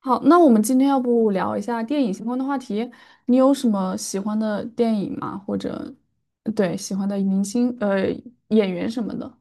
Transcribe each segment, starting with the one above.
好，那我们今天要不聊一下电影相关的话题？你有什么喜欢的电影吗？或者，对，喜欢的明星、演员什么的？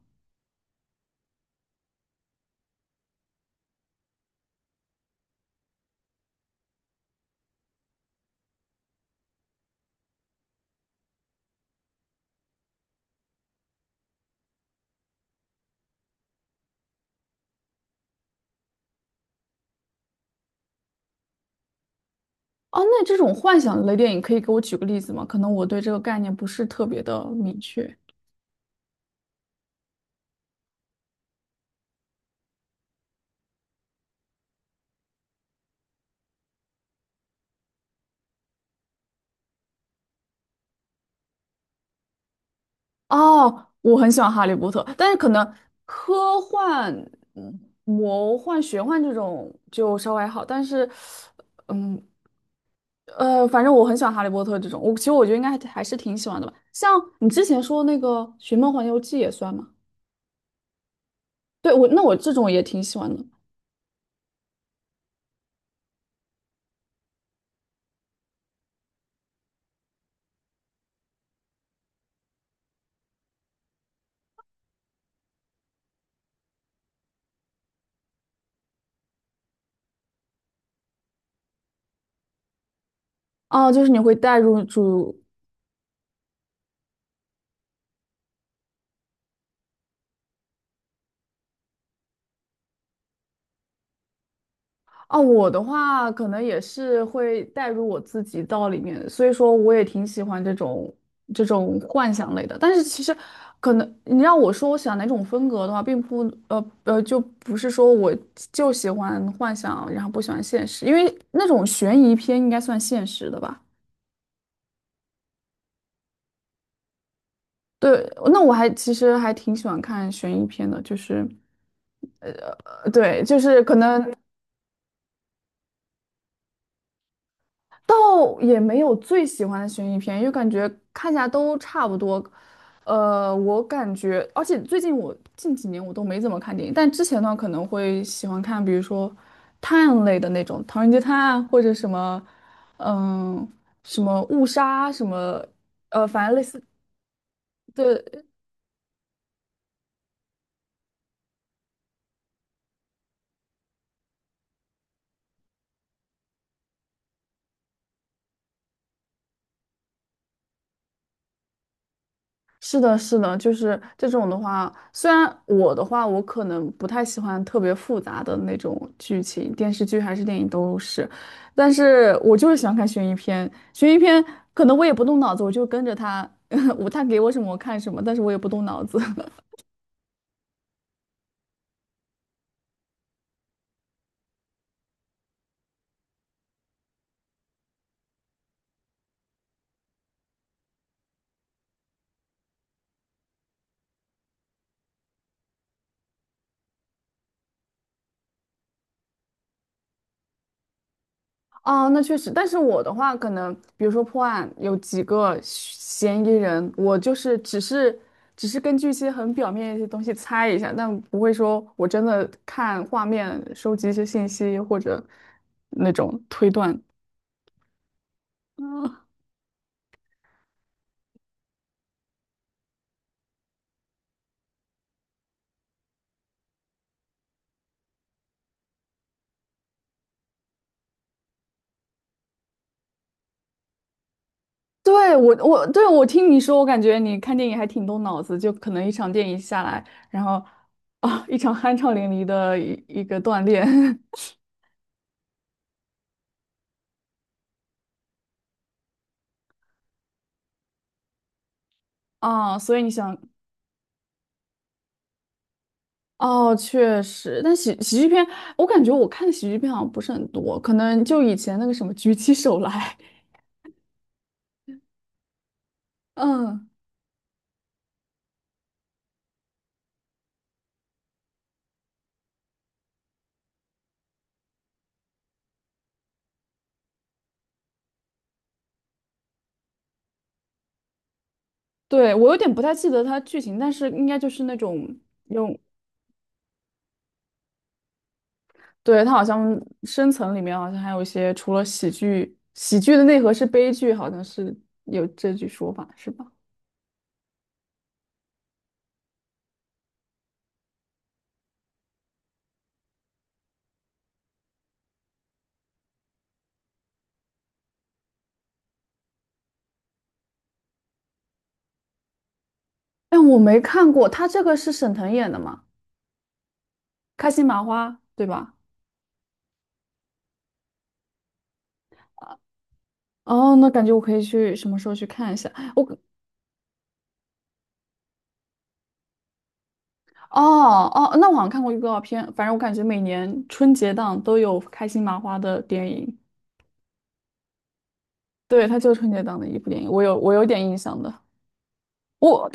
哦，那这种幻想类电影可以给我举个例子吗？可能我对这个概念不是特别的明确。哦，我很喜欢《哈利波特》，但是可能科幻、魔幻、玄幻这种就稍微还好，但是，嗯，反正我很喜欢《哈利波特》这种，我其实觉得应该还是挺喜欢的吧。像你之前说那个《寻梦环游记》也算吗？对，我这种也挺喜欢的。哦，就是你会带入主，哦，我的话可能也是会带入我自己到里面，所以说我也挺喜欢这种幻想类的。但是其实可能你让我说我喜欢哪种风格的话，并不就不是说我就喜欢幻想，然后不喜欢现实，因为那种悬疑片应该算现实的吧。对，那我其实还挺喜欢看悬疑片的，就是，呃，对，就是可能倒也没有最喜欢的悬疑片，因为感觉看起来都差不多。我感觉，而且最近近几年我都没怎么看电影，但之前的话可能会喜欢看，比如说探案类的那种《唐人街探案》或者什么，嗯，什么误杀什么，反正类似，对，是的，是的，就是这种的话，虽然我的话，我可能不太喜欢特别复杂的那种剧情，电视剧还是电影都是，但是我就是喜欢看悬疑片。悬疑片可能我也不动脑子，我就跟着他，我他给我什么我看什么，但是我也不动脑子。哦，那确实，但是我的话，可能比如说破案有几个嫌疑人，我就是只是根据一些很表面的一些东西猜一下，但不会说我真的看画面收集一些信息或者那种推断。啊，对，我听你说，我感觉你看电影还挺动脑子，就可能一场电影下来，然后啊，一场酣畅淋漓的一个锻炼 啊，所以你想。哦，确实，但喜剧片,我感觉我看的喜剧片好像不是很多，可能就以前那个什么《举起手来》，嗯，对，我有点不太记得它剧情，但是应该就是那种，对，它好像深层里面好像还有一些，除了喜剧，喜剧的内核是悲剧，好像是有这句说法，是吧？但我没看过，它这个是沈腾演的嘛，开心麻花，对吧？哦，那感觉我可以去什么时候去看一下。我。哦哦，那我好像看过预告片，反正我感觉每年春节档都有开心麻花的电影，对，它就是春节档的一部电影，我有点印象的。我，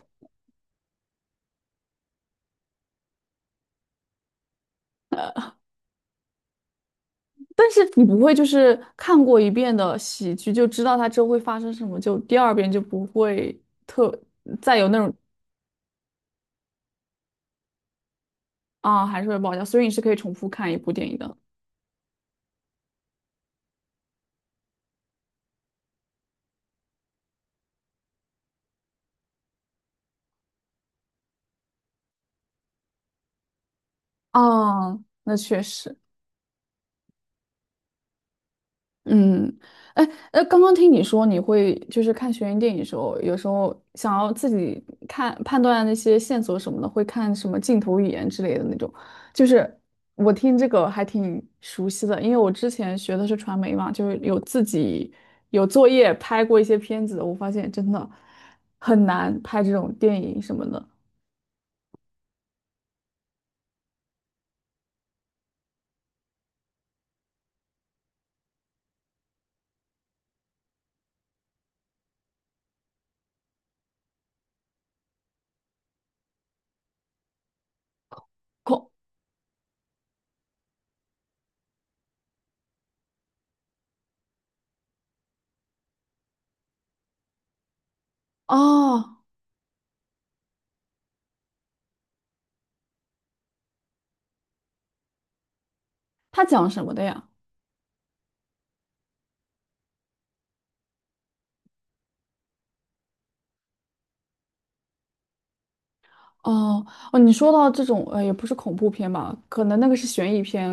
但是你不会就是看过一遍的喜剧就知道它之后会发生什么，就第二遍就不会特再有那种啊还是会爆笑，所以你是可以重复看一部电影的。啊，那确实。嗯，哎，刚刚听你说你会就是看悬疑电影的时候，有时候想要自己看判断那些线索什么的，会看什么镜头语言之类的那种。就是我听这个还挺熟悉的，因为我之前学的是传媒嘛，就是有自己有作业拍过一些片子，我发现真的很难拍这种电影什么的。恐，哦，他讲什么的呀？哦哦，你说到这种也不是恐怖片吧？可能那个是悬疑片，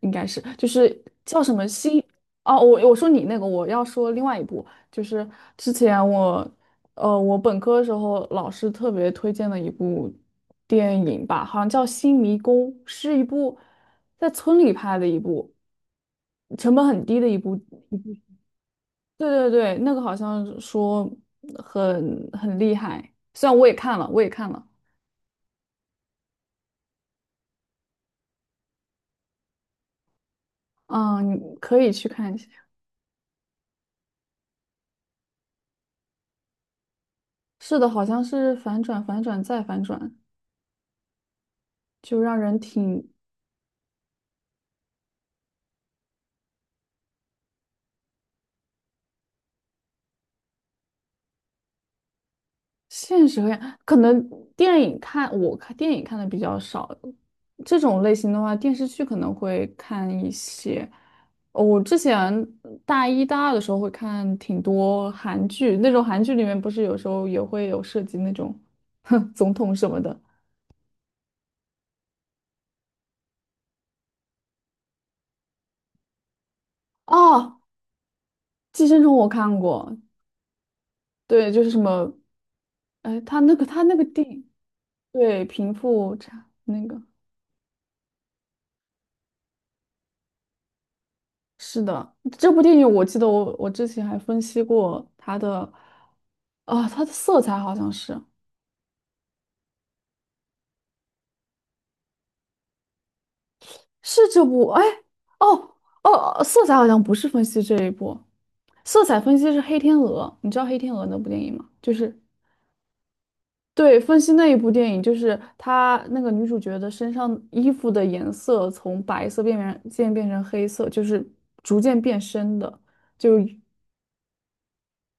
应该是就是叫什么心哦，我说你那个，我要说另外一部，就是之前我我本科的时候老师特别推荐的一部电影吧，好像叫《新迷宫》，是一部在村里拍的一部，成本很低的一部,对对对，那个好像说很厉害，虽然我也看了，我也看了。嗯，你可以去看一下。是的，好像是反转、反转再反转，就让人挺现实和呀。可能电影看，我看电影看的比较少，这种类型的话，电视剧可能会看一些。哦我之前大一、大二的时候会看挺多韩剧，那种韩剧里面不是有时候也会有涉及那种 总统什么的。哦，《寄生虫》我看过，对，就是什么，哎，他那个电影。对，贫富差那个是的，这部电影我记得我之前还分析过它的，啊、它的色彩好像是是这部，哎，哦哦，色彩好像不是分析这一部，色彩分析是《黑天鹅》，你知道《黑天鹅》那部电影吗？就是对，分析那一部电影，就是她那个女主角的身上衣服的颜色从白色变渐变成黑色，就是逐渐变深的，就。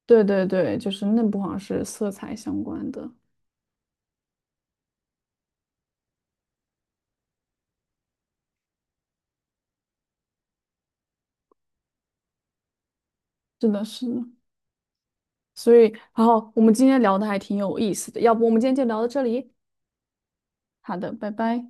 对对对，就是那部好像是色彩相关的，是的，是的。所以，然后我们今天聊的还挺有意思的，要不我们今天就聊到这里？好的，拜拜。